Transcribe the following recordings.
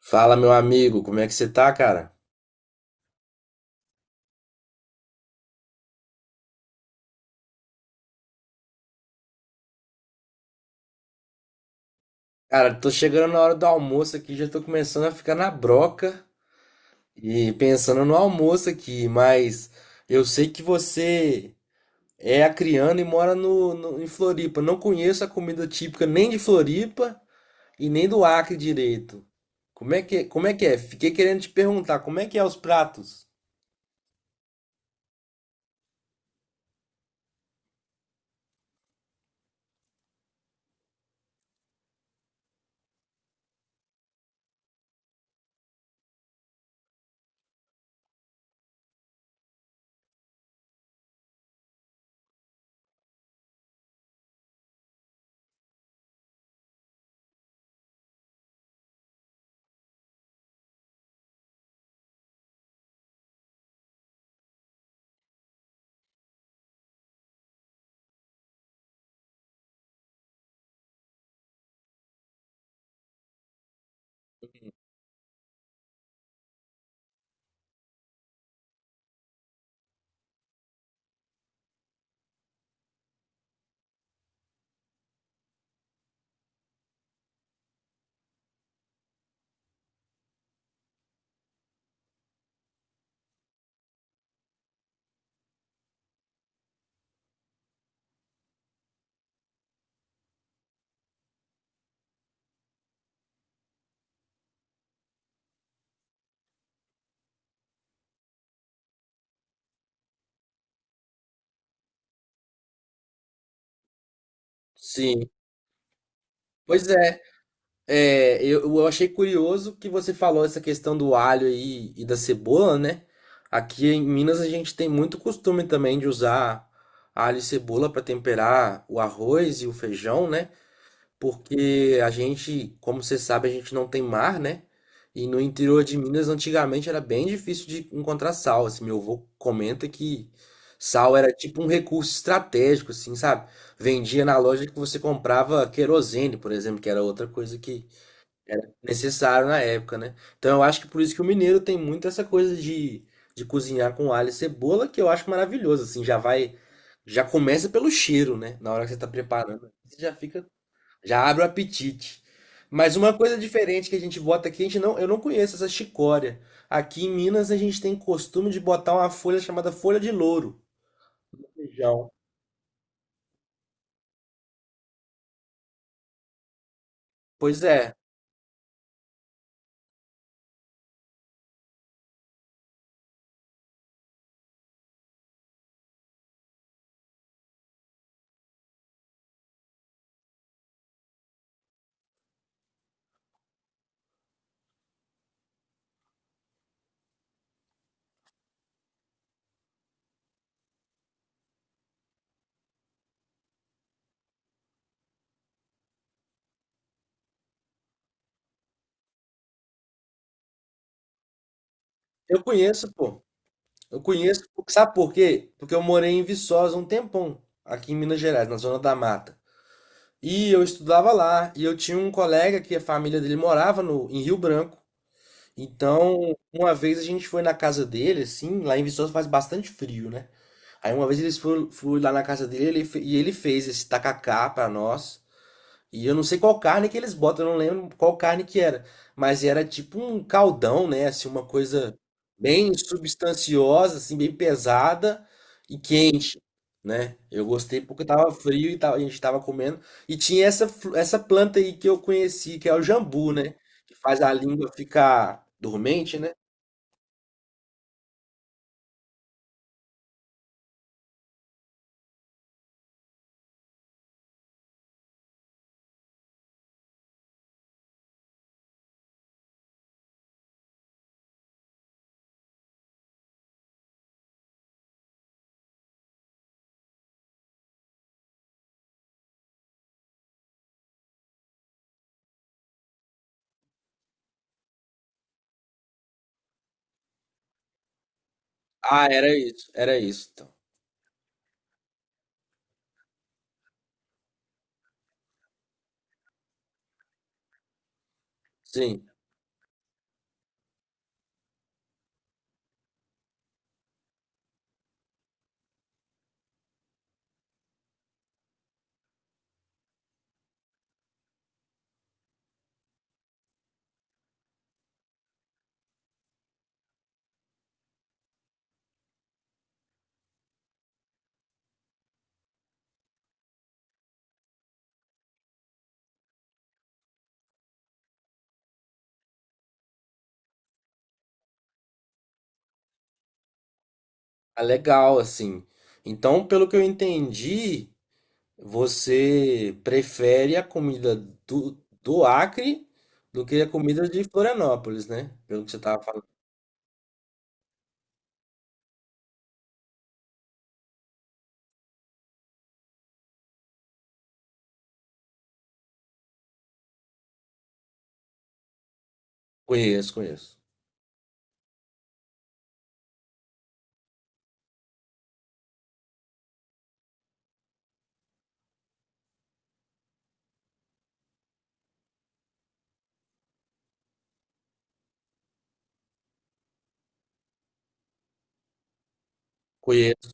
Fala, meu amigo, como é que você tá, cara? Cara, tô chegando na hora do almoço aqui, já tô começando a ficar na broca e pensando no almoço aqui, mas eu sei que você é acriano e mora em Floripa. Não conheço a comida típica nem de Floripa e nem do Acre direito. Como é que é? Fiquei querendo te perguntar, como é que é os pratos? Sim. Pois é. É, eu achei curioso que você falou essa questão do alho aí e da cebola, né? Aqui em Minas a gente tem muito costume também de usar alho e cebola para temperar o arroz e o feijão, né? Porque a gente, como você sabe, a gente não tem mar, né? E no interior de Minas antigamente era bem difícil de encontrar sal. Assim, meu avô comenta que sal era tipo um recurso estratégico, assim, sabe? Vendia na loja que você comprava querosene, por exemplo, que era outra coisa que necessário na época, né? Então eu acho que por isso que o mineiro tem muito essa coisa de cozinhar com alho e cebola, que eu acho maravilhoso, assim, já vai, já começa pelo cheiro, né? Na hora que você tá preparando, você já fica, já abre o apetite. Mas uma coisa diferente que a gente bota aqui, a gente não, eu não conheço essa chicória. Aqui em Minas a gente tem costume de botar uma folha chamada folha de louro no feijão. Pois é, eu conheço, pô. Eu conheço, sabe por quê? Porque eu morei em Viçosa um tempão, aqui em Minas Gerais, na zona da mata. E eu estudava lá, e eu tinha um colega que a família dele morava no, em Rio Branco. Então, uma vez a gente foi na casa dele, assim, lá em Viçosa faz bastante frio, né? Aí uma vez eles foram, fui lá na casa dele e ele fez esse tacacá pra nós. E eu não sei qual carne que eles botam, eu não lembro qual carne que era. Mas era tipo um caldão, né? Assim, uma coisa bem substanciosa, assim, bem pesada e quente, né? Eu gostei porque tava frio e tava- a gente tava comendo. E tinha essa, essa planta aí que eu conheci, que é o jambu, né? Que faz a língua ficar dormente, né? Ah, era isso, então. Sim, é legal, assim. Então, pelo que eu entendi, você prefere a comida do Acre do que a comida de Florianópolis, né? Pelo que você estava falando. Conheço, conheço. Conheço.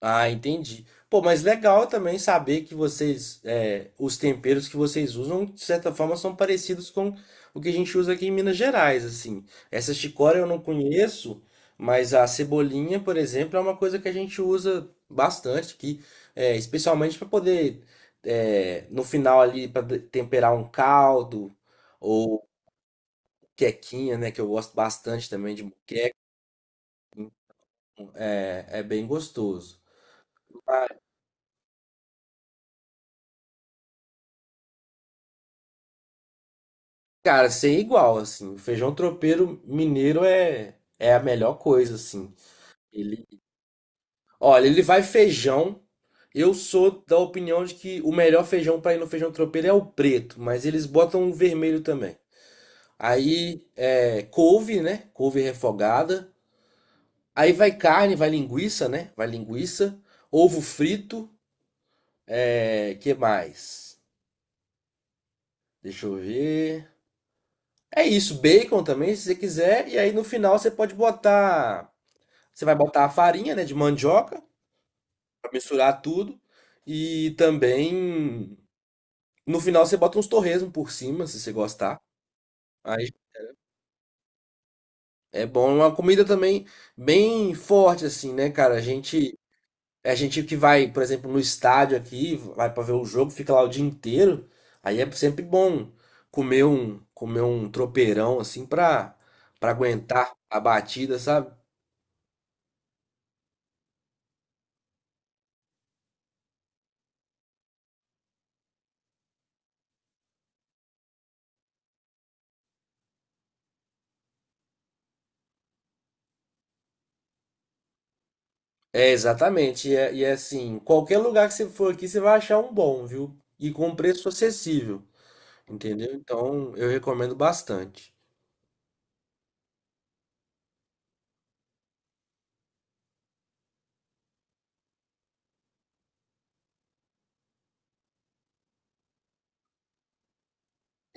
Ah, entendi. Pô, mas legal também saber que vocês, é, os temperos que vocês usam, de certa forma, são parecidos com o que a gente usa aqui em Minas Gerais, assim. Essa chicória eu não conheço, mas a cebolinha, por exemplo, é uma coisa que a gente usa bastante aqui, é, especialmente para poder, é, no final ali, para temperar um caldo ou quequinha, né, que eu gosto bastante também de, é é bem gostoso. Cara, sem igual, assim. O feijão tropeiro mineiro é, é a melhor coisa, assim. Ele, olha, ele vai feijão. Eu sou da opinião de que o melhor feijão para ir no feijão tropeiro é o preto, mas eles botam o vermelho também. Aí é couve, né? Couve refogada. Aí vai carne, vai linguiça, né? Vai linguiça. Ovo frito. É, que mais? Deixa eu ver. É isso, bacon também, se você quiser. E aí no final você pode botar, você vai botar a farinha, né, de mandioca para misturar tudo e também no final você bota uns torresmo por cima, se você gostar. Aí é bom. É uma comida também bem forte assim, né, cara? A gente que vai, por exemplo, no estádio aqui, vai para ver o jogo, fica lá o dia inteiro. Aí é sempre bom comer um tropeirão assim pra para aguentar a batida, sabe? É, exatamente. E, e é assim, qualquer lugar que você for aqui, você vai achar um bom, viu? E com preço acessível, entendeu? Então, eu recomendo bastante.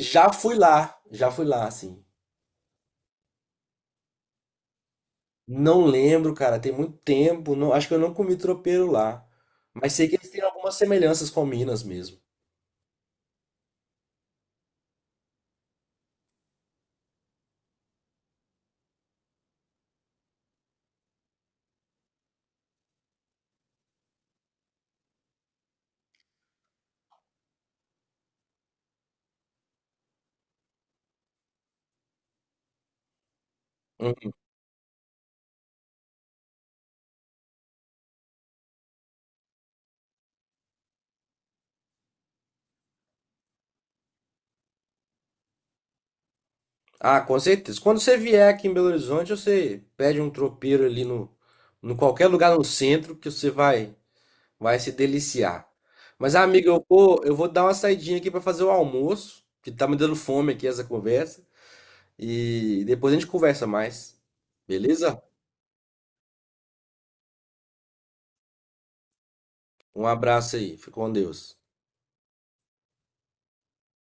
Já fui lá, assim. Não lembro, cara, tem muito tempo. Não, acho que eu não comi tropeiro lá. Mas sei que eles têm algumas semelhanças com Minas mesmo. Hum. Ah, com certeza. Quando você vier aqui em Belo Horizonte, você pede um tropeiro ali no qualquer lugar no centro que você vai. Vai se deliciar. Mas, amiga, eu vou dar uma saidinha aqui para fazer o almoço, que tá me dando fome aqui essa conversa. E depois a gente conversa mais. Beleza? Um abraço aí. Fica com Deus.